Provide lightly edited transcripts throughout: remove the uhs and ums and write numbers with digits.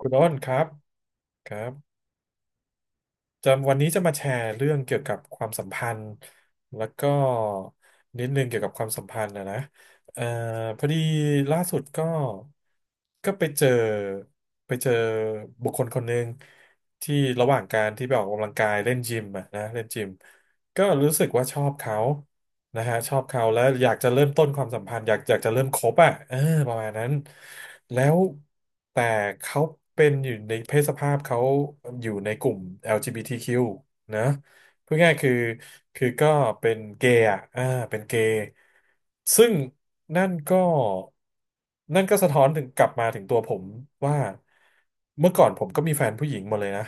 คุณอ้นครับครับจะวันนี้จะมาแชร์เรื่องเกี่ยวกับความสัมพันธ์แล้วก็นิดนึงเกี่ยวกับความสัมพันธ์นะเอ่อพอดีล่าสุดก็ก็ไปเจอบุคคลคนหนึ่งที่ระหว่างการที่ไปออกกำลังกายเล่นยิมอะนะเล่นยิมก็รู้สึกว่าชอบเขา นะฮะชอบเขาแล้วอยากจะเริ่มต้นความสัมพันธ์อยากจะเริ่มคบอ่ะเออประมาณนั้นแล้วแต่เขาเป็นอยู่ในเพศสภาพเขาอยู่ในกลุ่ม LGBTQ นะพูดง่ายๆคือก็เป็นเกย์อ่ะอ่าเป็นเกย์ซึ่งนั่นก็นั่นก็สะท้อนถึงกลับมาถึงตัวผมว่าเมื่อก่อนผมก็มีแฟนผู้หญิงหมาเลยนะ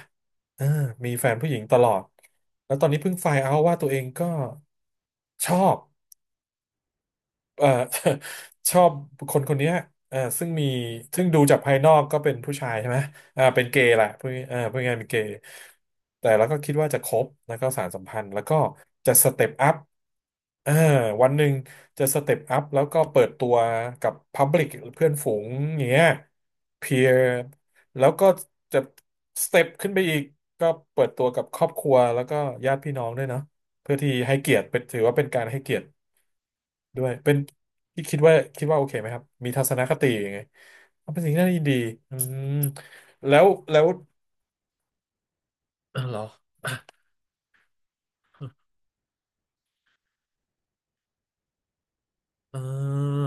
เออมีแฟนผู้หญิงตลอดแล้วตอนนี้เพิ่งไฟล์เอาท์ว่าตัวเองก็ชอบ เอ่อ ชอบคนคนเนี้ยซึ่งมีซึ่งดูจากภายนอกก็เป็นผู้ชายใช่ไหมอ่าเป็นเกย์แหละพูดพูดง่ายๆเป็นเกย์แต่แล้วก็คิดว่าจะคบแล้วก็สานสัมพันธ์แล้วก็จะสเต็ปอัพเออวันหนึ่งจะสเต็ปอัพแล้วก็เปิดตัวกับพับลิกเพื่อนฝูงอย่างเงี้ยเพียร์แล้วก็จะสเต็ปขึ้นไปอีกก็เปิดตัวกับครอบครัวแล้วก็ญาติพี่น้องด้วยเนาะเพื่อที่ให้เกียรติเป็นถือว่าเป็นการให้เกียรติ ด้วยเป็นที่คิดว่าโอเคไหมครับมีทัศนคติยังไงเอาเป็นสิ่งที่น่ายินดีอืมแล้วแล้วเออเหรอเออ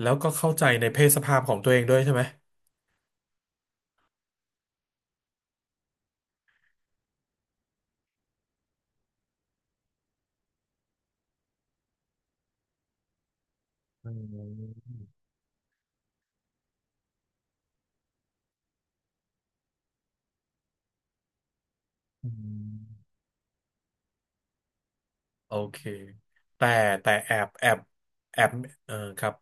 แล้วก็เข้าใจในเพศสภาพของตัวเองด้วยใช่ไหมอืมอืมโอเคแต่แต่แอบแอบแอบเออครับ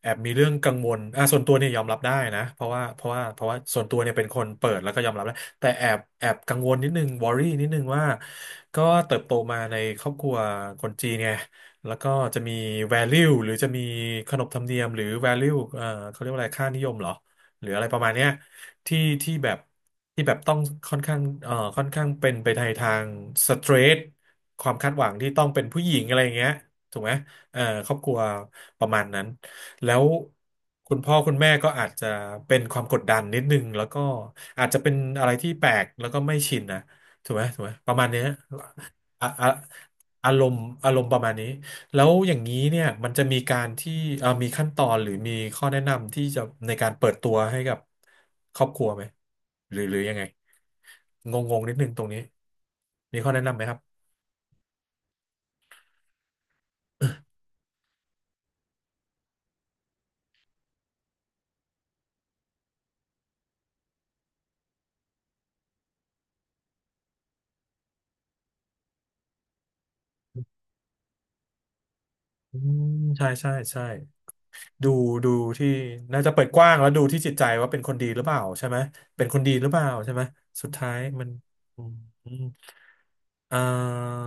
แอบมีเรื่องกังวลอ่ะส่วนตัวเนี่ยยอมรับได้นะ เพราะว่าเพราะว่าเพราะว่าส่วนตัวเนี่ยเป็นคนเปิดแล้วก็ยอมรับแล้วแต่แอบกังวลนิดนึงวอรี่นิดนึงว่า ก็เติบโตมาในครอบครัวคนจีนไงแล้วก็จะมี value หรือจะมีขนบธรรมเนียมหรือ value เขาเรียกว่าอะไรค่านิยมเหรอ หรืออะไรประมาณเนี้ยที่ที่แบบที่แบบต้องค่อนข้างค่อนข้างเป็นไปในทางสเตรทความคาดหวังที่ต้องเป็นผู้หญิงอะไรอย่างเงี้ยถูกไหมเอ่อครอบครัวประมาณนั้น แล้วคุณพ่อคุณแม่ก็อาจจะเป็นความกดดันนิดนึงแล้วก็อาจจะเป็นอะไรที่แปลกแล้วก็ไม่ชินนะถูกไหมประมาณเนี้ยอะอะอารมณ์ประมาณนี้แล้วอย่างนี้เนี่ยมันจะมีการที่มีขั้นตอนหรือมีข้อแนะนำที่จะในการเปิดตัวให้กับครอบครัวไหมหรือยังไงงงงนิดนึงตรงนี้มีข้อแนะนำไหมครับอืมใช่ใช่ใช่ ดูดูที่น่าจะเปิดกว้างแล้วดูที่จิตใจว่าเป็นคนดีหรือเปล่าใช่ไหมเป็นคนดีหรือเปล่าใช่ไหมสุดท้ายมันอืมอืมอ่า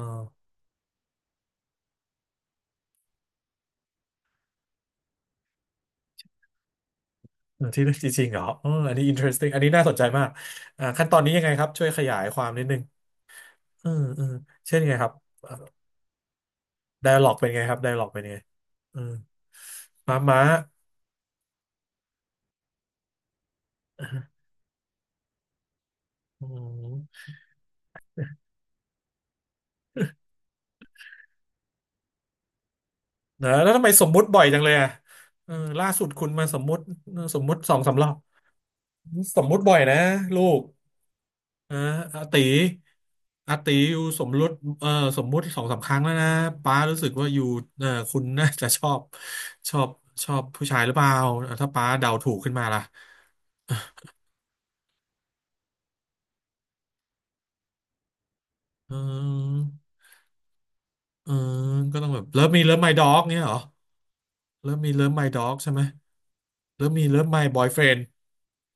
ที่จริงๆเหรอเอออันนี้ interesting อันนี้น่าสนใจมากอ่าขั้นตอนนี้ยังไงครับช่วยขยายความนิดนึงเออเออเช่นยังไงครับไดอะล็อกเป็นไงครับไดอะล็อกเป็นไงเออม้าม้าอืมเนอะแล้วทำไมสมมุติบ่อยจังเลยอ่ะเออล่าสุดคุณมาสมมุติสมมุติสองสามรอบสมมุติบ่อยนะลูก อ่าอาติอาติอยู่สมรสเอ่อสมมุติสองสามครั้งแล้วนะป้ารู้สึกว่าอยู่เอ่อคุณน่าจะชอบชอบผู้ชายหรือเปล่าอ่ะถ้าป้าเดาถูกขึ้นมาล่ะเออเออก็ต้องแบบเลิฟมีเลิฟไม d ด็อกเนี้ยเหรอเลิฟมีเลิฟไม d ด็อกใช่ไหมเลิฟมีเลิฟไม b บอยเฟรนด์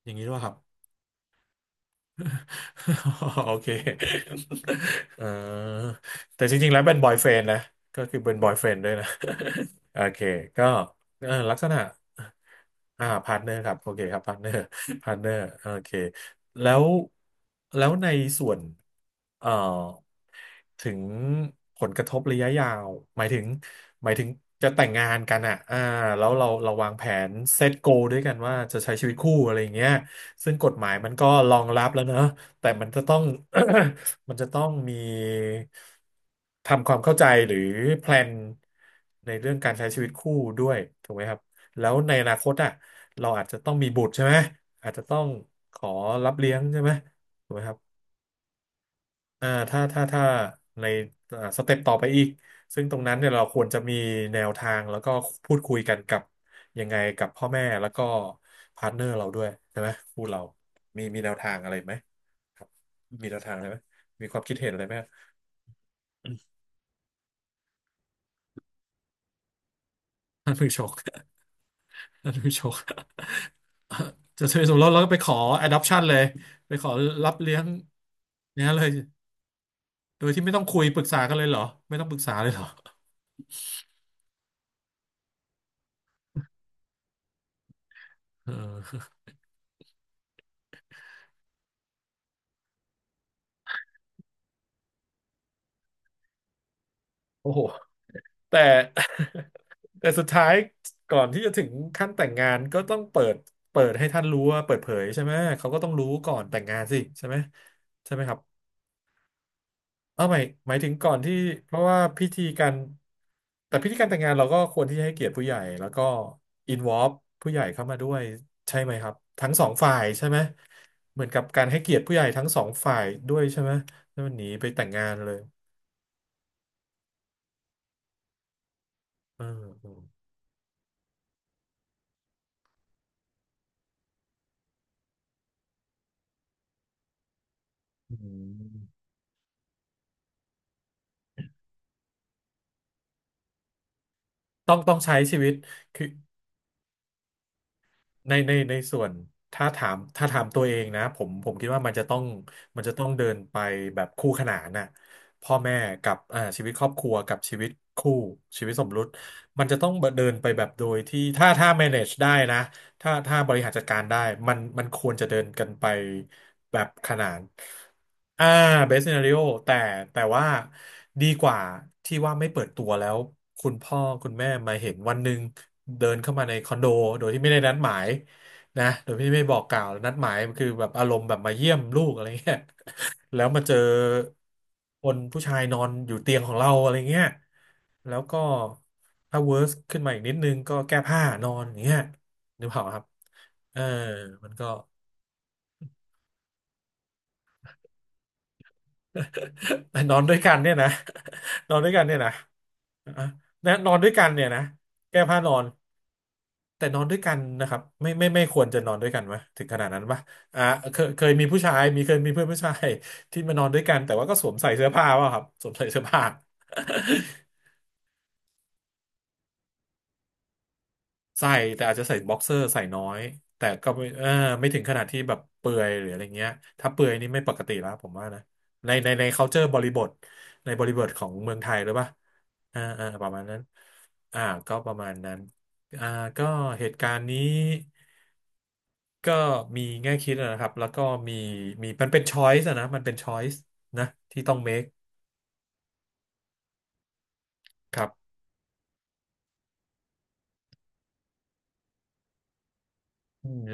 อย่างนี้หรือเปล่าครับ โอเค เออแต่จริงๆแล้วเป็นบอยเฟรนด์นะก็คือเป็นบอยเฟรนด์ด้วยนะ โอเค ก็เออลักษณะอ่าพาร์ทเนอร์ครับโอเคครับพาร์ทเนอร์พาร์ทเนอร์ โอเคแล้วแล้วในส่วนเอ่อถึงผลกระทบระยะยาวหมายถึงหมายถึงจะแต่งงานกันอ่ะอ่าแล้วเราวางแผนเซตโกด้วยกันว่าจะใช้ชีวิตคู่อะไรอย่างเงี้ยซึ่งกฎหมายมันก็รองรับแล้วเนอะแต่มันจะต้อง มันจะต้องมีทำความเข้าใจหรือแพลนในเรื่องการใช้ชีวิตคู่ด้วยถูกไหมครับแล้วในอนาคตอ่ะเราอาจจะต้องมีบุตรใช่ไหมอาจจะต้องขอรับเลี้ยงใช่ไหมถูกไหมครับถ้าในสเต็ปต่อไปอีกซึ่งตรงนั้นเนี่ยเราควรจะมีแนวทางแล้วก็พูดคุยกันกับยังไงกับพ่อแม่แล้วก็พาร์ทเนอร์เราด้วยใช่ไหมคู่เรามีแนวทางอะไรไหมครับมีแนวทางอะไรไหมมีความคิดเห็นอะไรไหม ท่านผู้ชก ท่านผู้ชก จะทะเบียนสมรสแล้วก็ไปขอ adoption เลยไปขอรับเลี้ยงเนี้ยเลยโดยที่ไม่ต้องคุยปรึกษากันเลยเหรอไม่ต้องปรึกษาเลยเหรอเออ โอ้โหแต่ แต่สุดท้ายก่อนที่จะถึงขั้นแต่งงานก็ต้องเปิดเปิดให้ท่านรู้ว่าเปิดเผยใช่ไหมเขาก็ต้องรู้ก่อนแต่งงานสิใช่ไหมใช่ไหมครับ เอาหมายหมายถึงก่อนที่เพราะว่าพิธีการแต่พิธีการแต่งงานเราก็ควรที่จะให้เกียรติผู้ใหญ่แล้วก็อินวอล์ผู้ใหญ่เข้ามาด้วยใช่ไหมครับทั้งสองฝ่ายใช่ไหมเหมือนกับการให้เกียรติผู้ใหญ่ทั้งสองฝ่ายด้วยใช่ไหมแล้วมันหนีไปแต่งงานเลยเอออืมต้องต้องใช้ชีวิตคือ ในในในส่วนถ้าถามตัวเองนะผมคิดว่ามันจะต้องมันจะต้องเดินไปแบบคู่ขนานน่ะพ่อแม่กับชีวิตครอบครัวกับชีวิตคู่ชีวิตสมรสมันจะต้องเดินไปแบบโดยที่ถ้า manage ได้นะ ถ้าบริหารจัดการได้มันควรจะเดินกันไปแบบขนานอ่าเบส t ีนาริโอแต่แต่ว่าดีกว่าที่ว่าไม่เปิดตัวแล้วคุณพ่อคุณแม่มาเห็นวันหนึ่งเดินเข้ามาในคอนโดโดยที่ไม่ได้นัดหมายนะโดยที่ไม่บอกกล่าวนัดหมายคือแบบอารมณ์แบบมาเยี่ยมลูกอะไรเงี้ยแล้วมาเจอคนผู้ชายนอนอยู่เตียงของเราอะไรเงี้ย แล้วก็ถ้าเวิร์สขึ้นมาอีกนิดนึงก็แก้ผ้านอนอย่างเงี้ยนึกเปล่าครับเออมันก็ นอนด้วยกันเนี่ยนะ นอนด้วยกันเนี่ยนะอ่ะนะนอนด้วยกันเนี่ยนะแก้ผ้านอนแต่นอนด้วยกันนะครับไม่ควรจะนอนด้วยกันวะถึงขนาดนั้นปะอ่าเคยมีผู้ชายมีเพื่อนผู้ชายที่มานอนด้วยกันแต่ว่าก็สวมใส่เสื้อผ้าว่ะครับสวมใส่เสื้อผ้า ใส่แต่อาจจะใส่บ็อกเซอร์ใส่น้อยแต่ก็ไม่เออไม่ถึงขนาดที่แบบเปลือยหรืออะไรเงี้ยถ้าเปลือยนี่ไม่ปกติแล้วผมว่านะใน culture บริบทในบริบทของเมืองไทยหรือเปล่าอ่าประมาณนั้นอ่าก็ประมาณนั้นอ่าก็เหตุการณ์นี้ก็มีแง่คิดนะครับแล้วก็มีมีมันเป็น choice อะนะมันเป็น choice นะที่ต้อง make ครับอืม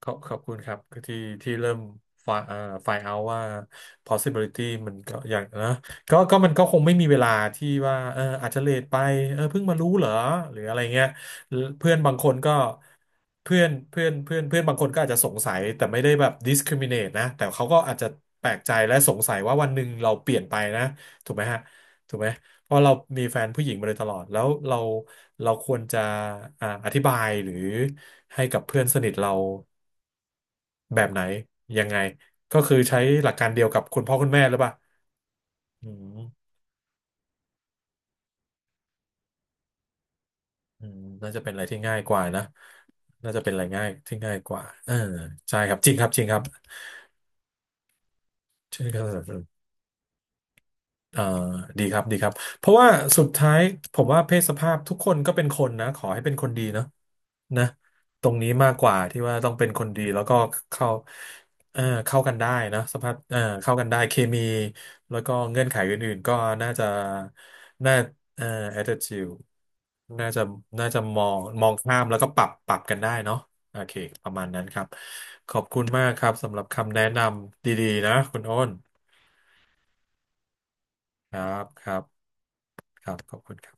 ขอบขอบคุณครับคือที่ที่เริ่มฝ่ายอ่อไฟเอาว่า possibility มันก็อย่างนะก็มันก็คงไม่มีเวลาที่ว่าเอออาจจะเลทไปเออเพิ่งมารู้เหรอหรืออะไรเงี้ยเพื่อนบางคนก็เพื่อนเพื่อนเพื่อนเพื่อนบางคนก็อาจจะสงสัยแต่ไม่ได้แบบ discriminate นะแต่เขาก็อาจจะแปลกใจและสงสัยว่าวันหนึ่งเราเปลี่ยนไปนะถูกไหมฮะถูกไหมเพราะเรามีแฟนผู้หญิงมาโดยตลอดแล้วเราเราควรจะอธิบายหรือให้กับเพื่อนสนิทเรา แบบไหนยังไงก็คือใช้หลักการเดียวกับคุณพ่อคุณแม่หรือเปล่าอืมอืมน่าจะเป็นอะไรที่ง่ายกว่านะน่าจะเป็นอะไรง่ายที่ง่ายกว่าเออใช่ครับจริงครับจริงครับใช่ครับ เอ่อดีครับดีครับเพราะว่าสุดท้ายผมว่าเพศสภาพทุกคนก็เป็นคนนะขอให้เป็นคนดีเนาะนะตรงนี้มากกว่าที่ว่าต้องเป็นคนดีแล้วก็เข้าเข้ากันได้นะสภาพเข้ากันได้เคมีแล้วก็เงื่อนไขอื่นๆก็น่าจะน่าเอ่อ attitude น่าจะน่าจะมองข้ามแล้วก็ปรับกันได้เนาะโอเคประมาณนั้นครับขอบคุณมากครับสำหรับคำแนะนำดีๆนะคุณโอ้นครับครับขอบคุณครับ